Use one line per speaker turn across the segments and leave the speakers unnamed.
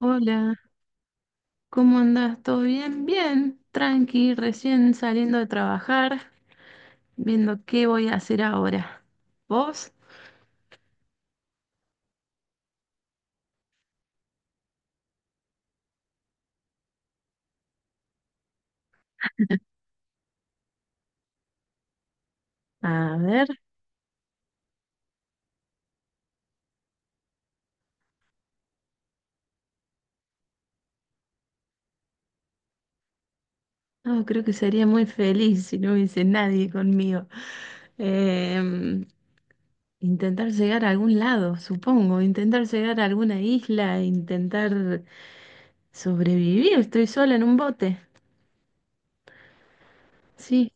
Hola, ¿cómo andás? ¿Todo bien? Bien, tranqui, recién saliendo de trabajar, viendo qué voy a hacer ahora. ¿Vos? A ver, no, creo que sería muy feliz si no hubiese nadie conmigo. Em, Intentar llegar a algún lado, supongo, intentar llegar a alguna isla, intentar sobrevivir, estoy sola en un bote. Sí,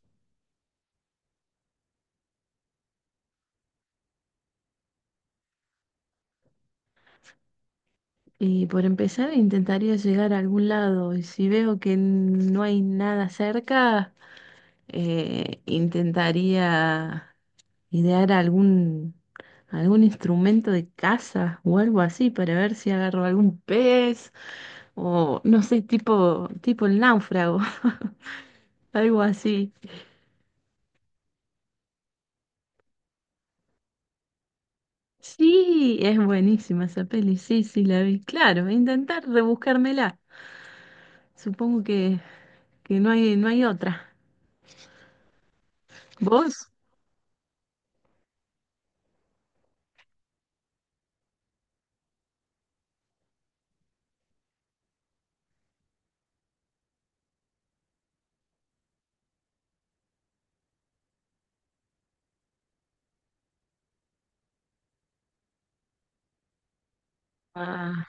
y por empezar intentaría llegar a algún lado y si veo que no hay nada cerca, intentaría idear algún instrumento de caza o algo así para ver si agarro algún pez o no sé, tipo el náufrago, algo así. Sí, es buenísima esa peli, sí, sí, la vi. Claro, intentar rebuscármela. Supongo que no hay otra. ¿Vos? Ah,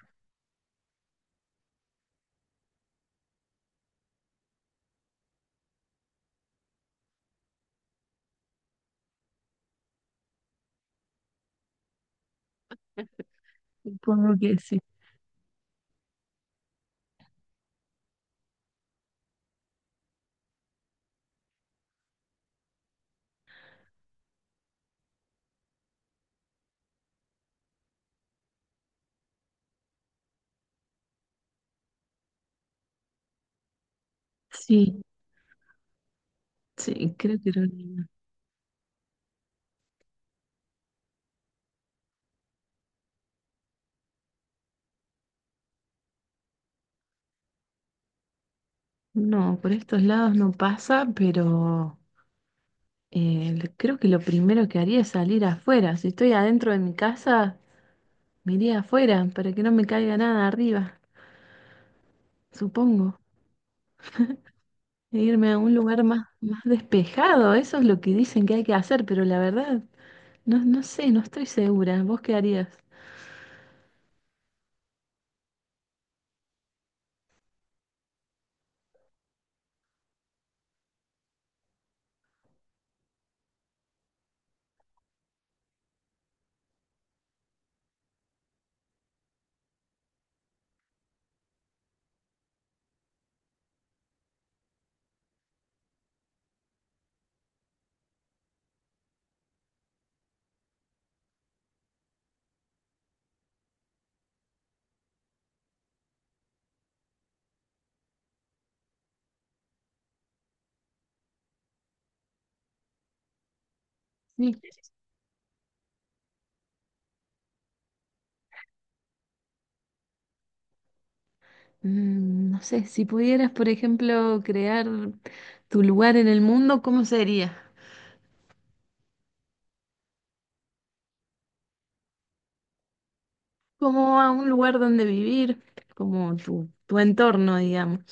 supongo que sí. Sí, sí, creo que era una... No, por estos lados no pasa, pero creo que lo primero que haría es salir afuera. Si estoy adentro de mi casa, me iría afuera para que no me caiga nada arriba, supongo. E irme a un lugar más despejado, eso es lo que dicen que hay que hacer, pero la verdad, no sé, no estoy segura. ¿Vos qué harías? Sí. No sé, si pudieras, por ejemplo, crear tu lugar en el mundo, ¿cómo sería? Como a un lugar donde vivir, como tu entorno, digamos.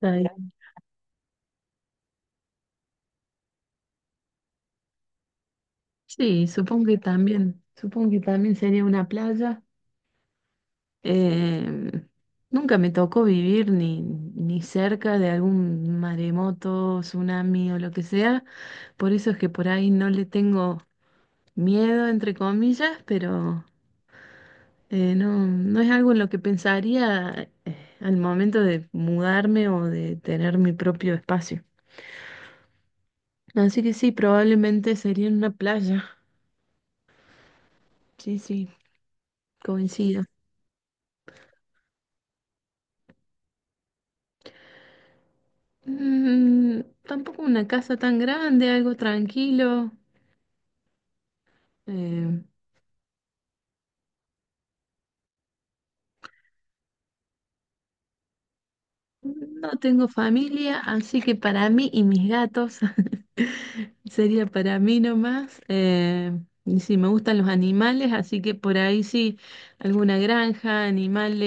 Está bien. Sí, supongo que también sería una playa. Em, Nunca me tocó vivir ni cerca de algún maremoto, tsunami o lo que sea, por eso es que por ahí no le tengo miedo, entre comillas, pero no, no es algo en lo que pensaría al momento de mudarme o de tener mi propio espacio. Así que sí, probablemente sería en una playa. Sí, sí, coincido. Mm, tampoco una casa tan grande, algo tranquilo. Eh, no tengo familia, así que para mí y mis gatos sería para mí nomás. Y sí, me gustan los animales, así que por ahí sí, alguna granja, animales,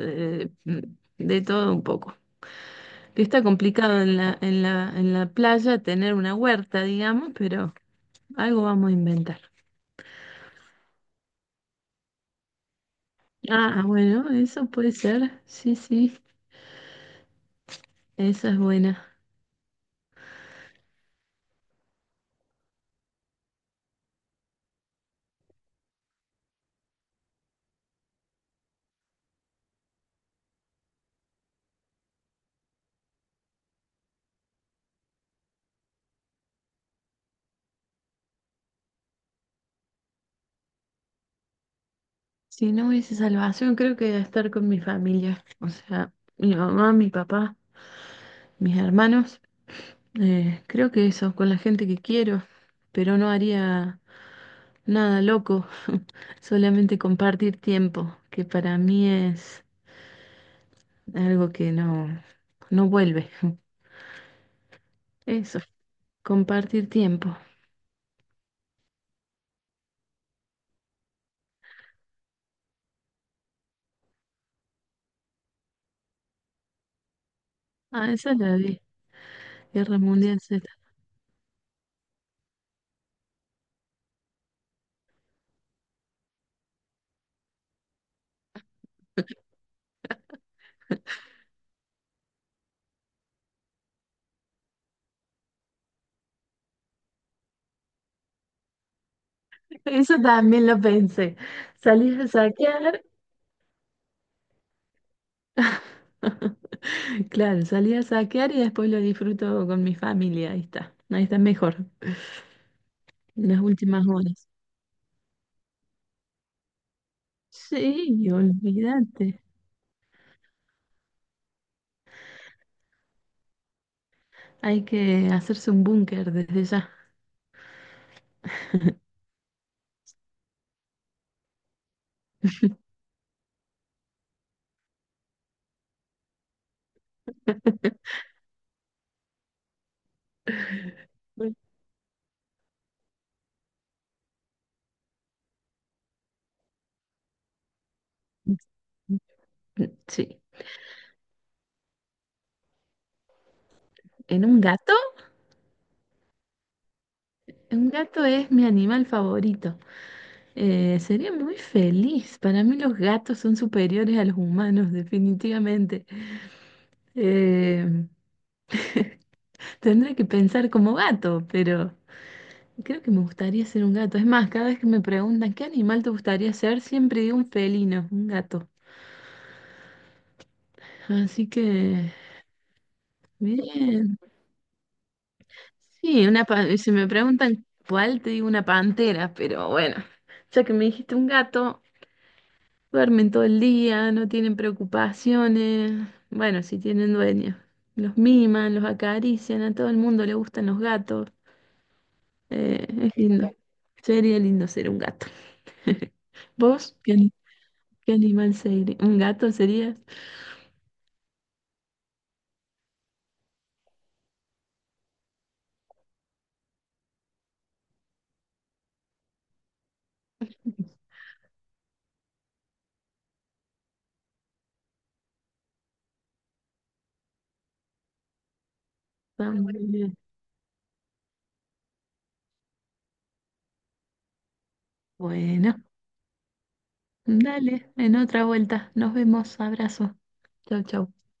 eh, mm, de todo un poco. Que está complicado en en la playa tener una huerta, digamos, pero algo vamos a inventar. Bueno, eso puede ser, sí, sí. Esa es buena. Si no hubiese salvación, creo que estar con mi familia. O sea, mi mamá, mi papá, mis hermanos. Creo que eso, con la gente que quiero. Pero no haría nada loco. Solamente compartir tiempo, que para mí es algo que no vuelve. Eso, compartir tiempo. Ah, esa la vi. Guerra Mundial Z. Eso también lo pensé. ¿Salís a saquear? Claro, salí a saquear y después lo disfruto con mi familia. Ahí está mejor. En las últimas horas. Sí, olvídate. Hay que hacerse un búnker desde ya. Sí, en un gato. Un gato es mi animal favorito. Sería muy feliz. Para mí los gatos son superiores a los humanos, definitivamente. Eh, Tendré que pensar como gato, pero creo que me gustaría ser un gato. Es más, cada vez que me preguntan qué animal te gustaría ser, siempre digo un felino, un gato. Así que, bien. Sí, una pa- si me preguntan cuál, te digo una pantera, pero bueno, ya que me dijiste un gato, duermen todo el día, no tienen preocupaciones. Bueno, si tienen dueños. Los miman, los acarician, a todo el mundo le gustan los gatos. Es lindo. Sería lindo ser un gato. ¿Vos? ¿ Qué animal sería? ¿Un gato serías? También. Bueno, dale, en otra vuelta. Nos vemos. Abrazo. Chau, chau.